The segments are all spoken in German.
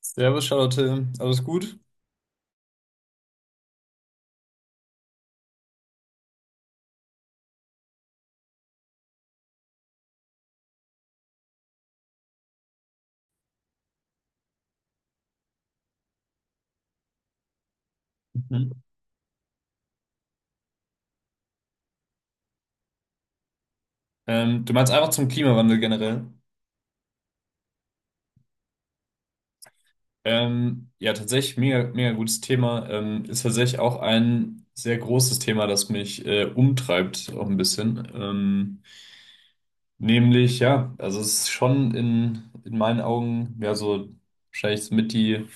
Servus, Charlotte. Alles gut? Mhm. Du meinst einfach zum Klimawandel generell? Ja, tatsächlich mega, mega gutes Thema. Ist tatsächlich auch ein sehr großes Thema, das mich umtreibt, auch ein bisschen. Ja, also es ist schon in meinen Augen, ja, so wahrscheinlich mit die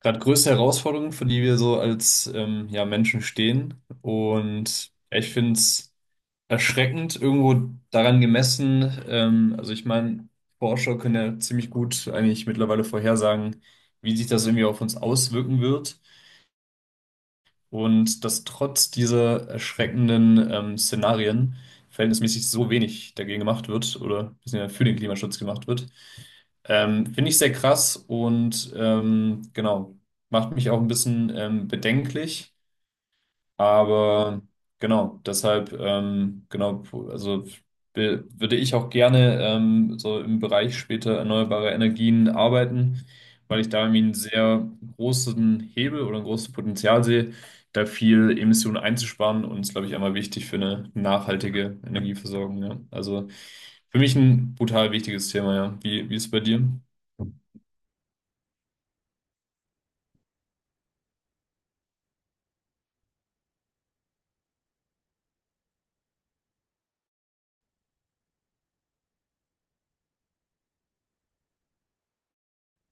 gerade größte Herausforderung, vor die wir so als ja, Menschen stehen. Und ja, ich finde es. Erschreckend irgendwo daran gemessen. Also ich meine, Forscher können ja ziemlich gut eigentlich mittlerweile vorhersagen, wie sich das irgendwie auf uns auswirken wird. Und dass trotz dieser erschreckenden Szenarien verhältnismäßig so wenig dagegen gemacht wird oder beziehungsweise für den Klimaschutz gemacht wird, finde ich sehr krass und genau, macht mich auch ein bisschen bedenklich, aber genau, deshalb, genau, also würde ich auch gerne so im Bereich später erneuerbare Energien arbeiten, weil ich da irgendwie einen sehr großen Hebel oder ein großes Potenzial sehe, da viel Emissionen einzusparen, und ist, glaube ich, einmal wichtig für eine nachhaltige Energieversorgung. Ja. Also für mich ein brutal wichtiges Thema, ja. Wie ist es bei dir?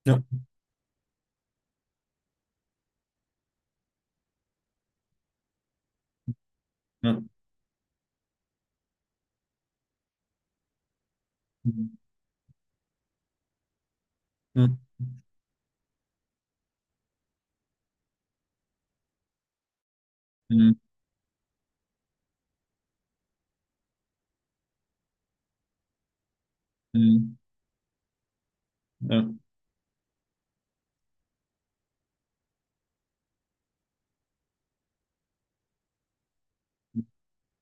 Ja. Ja. Mhm. Mhm. Mhm. Ja.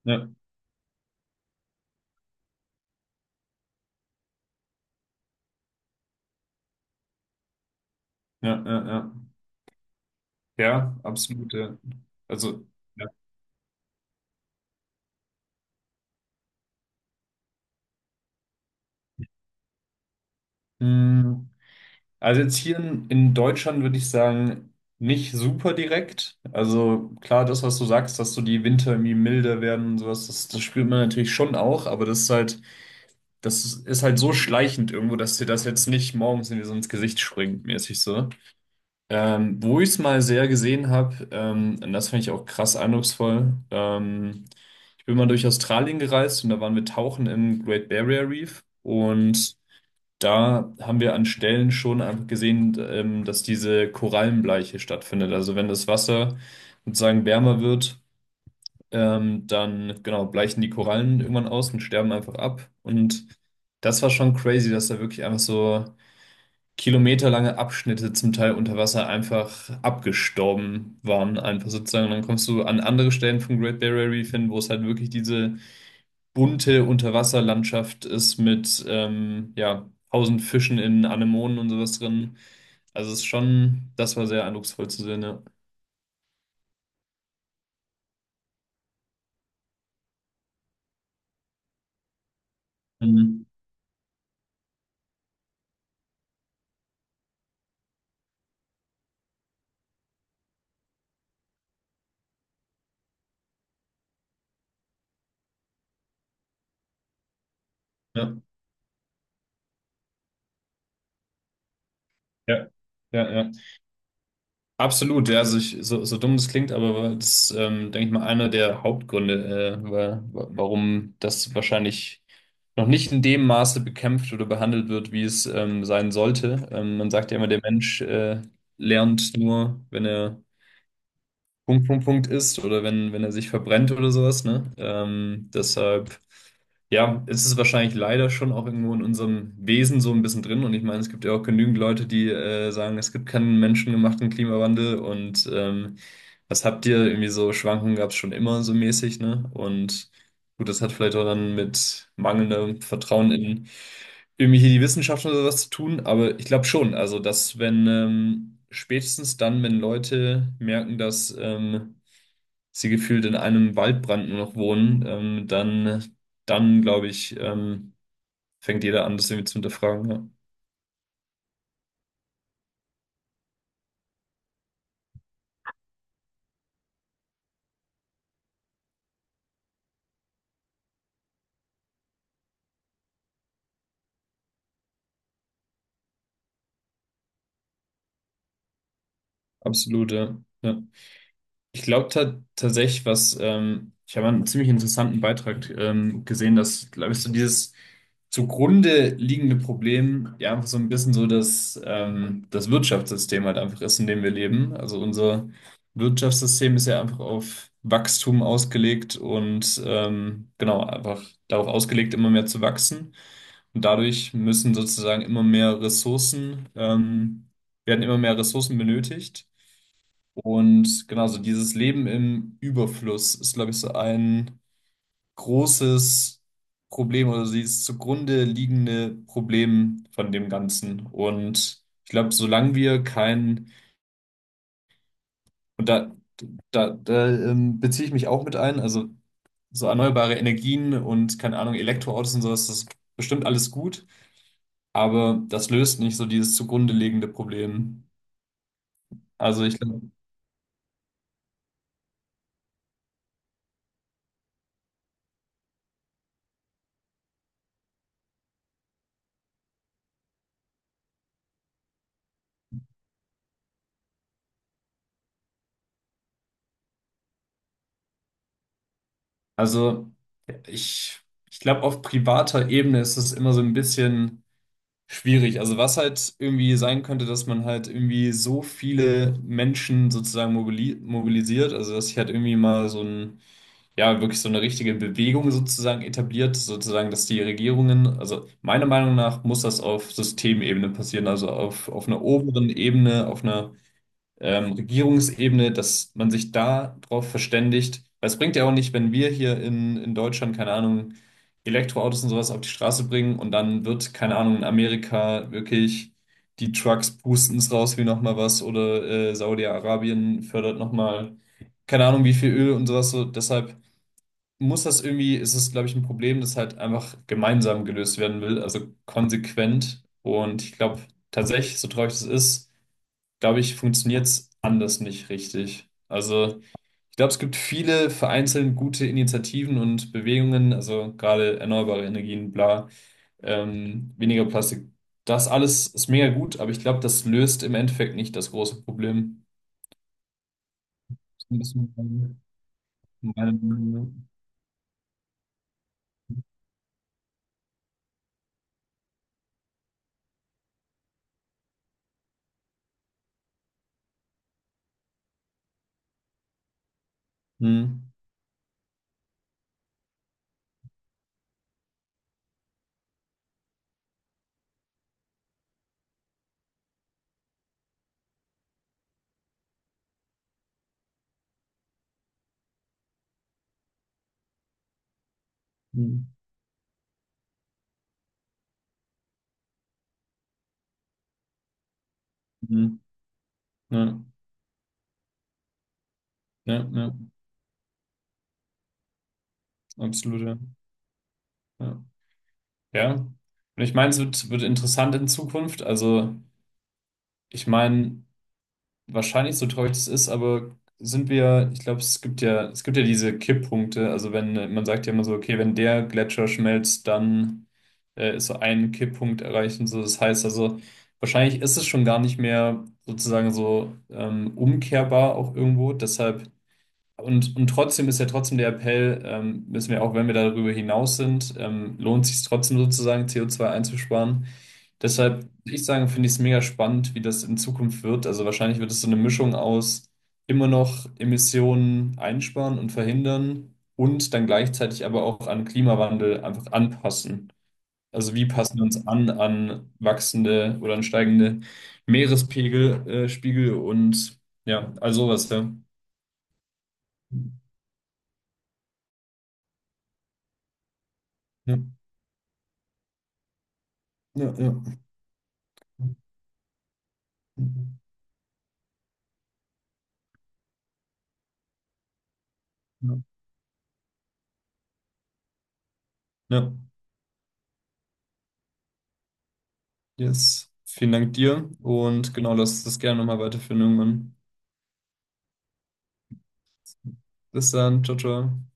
Ja. Ja. Ja. Ja. Ja, absolut. Ja. Also, ja. Hm, also jetzt hier in Deutschland würde ich sagen, nicht super direkt. Also klar, das, was du sagst, dass so die Winter irgendwie milder werden und sowas, das spürt man natürlich schon auch, aber das ist halt so schleichend irgendwo, dass dir das jetzt nicht morgens irgendwie so ins Gesicht springt, mäßig so. Wo ich es mal sehr gesehen habe, und das fand ich auch krass eindrucksvoll. Ich bin mal durch Australien gereist und da waren wir tauchen im Great Barrier Reef, und da haben wir an Stellen schon einfach gesehen, dass diese Korallenbleiche stattfindet. Also wenn das Wasser sozusagen wärmer wird, dann genau bleichen die Korallen irgendwann aus und sterben einfach ab. Und das war schon crazy, dass da wirklich einfach so kilometerlange Abschnitte zum Teil unter Wasser einfach abgestorben waren, einfach sozusagen. Und dann kommst du an andere Stellen vom Great Barrier Reef hin, wo es halt wirklich diese bunte Unterwasserlandschaft ist mit ja, tausend Fischen in Anemonen und sowas drin. Also es ist schon, das war sehr eindrucksvoll zu sehen, ja. Mhm. Ja, ja, ja, ja. Absolut, ja, also ich, so, so dumm das klingt, aber das ist, denke ich mal, einer der Hauptgründe, warum das wahrscheinlich noch nicht in dem Maße bekämpft oder behandelt wird, wie es sein sollte. Man sagt ja immer, der Mensch lernt nur, wenn er Punkt, Punkt, Punkt ist oder wenn, er sich verbrennt oder sowas, ne? Deshalb, ja, ist es wahrscheinlich leider schon auch irgendwo in unserem Wesen so ein bisschen drin. Und ich meine, es gibt ja auch genügend Leute, die sagen, es gibt keinen menschengemachten Klimawandel und was habt ihr? Irgendwie so Schwankungen gab es schon immer so mäßig, ne? Und gut, das hat vielleicht auch dann mit mangelndem Vertrauen in irgendwie hier die Wissenschaft oder was zu tun, aber ich glaube schon, also dass wenn spätestens dann, wenn Leute merken, dass sie gefühlt in einem Waldbrand nur noch wohnen, dann, dann glaube ich, fängt jeder an, das irgendwie zu hinterfragen. Ja. Absolut, ja. Ja. Ich glaube ta Tatsächlich, was ich habe einen ziemlich interessanten Beitrag gesehen, dass, glaube ich, so dieses zugrunde liegende Problem ja einfach so ein bisschen so das, das Wirtschaftssystem halt einfach ist, in dem wir leben. Also unser Wirtschaftssystem ist ja einfach auf Wachstum ausgelegt und genau, einfach darauf ausgelegt, immer mehr zu wachsen. Und dadurch müssen sozusagen werden immer mehr Ressourcen benötigt. Und genau, so dieses Leben im Überfluss ist, glaube ich, so ein großes Problem oder so dieses zugrunde liegende Problem von dem Ganzen. Und ich glaube, solange wir kein, und da, da beziehe ich mich auch mit ein, also so erneuerbare Energien und keine Ahnung, Elektroautos und sowas, das ist bestimmt alles gut, aber das löst nicht so dieses zugrunde liegende Problem. Also ich glaube, also ich, ich glaube, auf privater Ebene ist es immer so ein bisschen schwierig. Also was halt irgendwie sein könnte, dass man halt irgendwie so viele Menschen sozusagen mobilisiert, also dass sich halt irgendwie mal so ein, ja, wirklich so eine richtige Bewegung sozusagen etabliert, sozusagen, dass die Regierungen, also meiner Meinung nach muss das auf Systemebene passieren, also auf einer oberen Ebene, auf einer Regierungsebene, dass man sich da drauf verständigt. Weil es bringt ja auch nicht, wenn wir hier in Deutschland, keine Ahnung, Elektroautos und sowas auf die Straße bringen und dann wird, keine Ahnung, in Amerika wirklich die Trucks pusten's raus wie nochmal was oder Saudi-Arabien fördert nochmal, keine Ahnung, wie viel Öl und sowas. So, deshalb muss das irgendwie, ist es, glaube ich, ein Problem, das halt einfach gemeinsam gelöst werden will, also konsequent. Und ich glaube tatsächlich, so traurig das ist, glaube ich, funktioniert es anders nicht richtig. Also, ich glaube, es gibt viele vereinzelt gute Initiativen und Bewegungen, also gerade erneuerbare Energien, bla, weniger Plastik. Das alles ist mega gut, aber ich glaube, das löst im Endeffekt nicht das große Problem. Ist ein bisschen meine Meinung. Hm, hm, hm. Ja, ja, ja, absolut, ja. Ja. Ja. Und ich meine, es wird interessant in Zukunft. Also, ich meine, wahrscheinlich so traurig das ist, aber sind wir, ich glaube, es gibt ja diese Kipppunkte. Also wenn man sagt ja immer so, okay, wenn der Gletscher schmelzt, dann ist so ein Kipppunkt erreicht und so. Das heißt also, wahrscheinlich ist es schon gar nicht mehr sozusagen so umkehrbar auch irgendwo. Deshalb und, trotzdem ist ja trotzdem der Appell, müssen wir auch, wenn wir darüber hinaus sind, lohnt sich trotzdem sozusagen CO2 einzusparen. Deshalb würde ich sagen, finde ich es mega spannend, wie das in Zukunft wird. Also wahrscheinlich wird es so eine Mischung aus immer noch Emissionen einsparen und verhindern und dann gleichzeitig aber auch an Klimawandel einfach anpassen. Also wie passen wir uns an an wachsende oder an steigende Spiegel und ja, all sowas, ja. Ja. Ja, ja. Ja, ja, yes. Vielen Dank dir und genau, lass das gerne nochmal weiterführen irgendwann. Bis dann, ciao, ciao.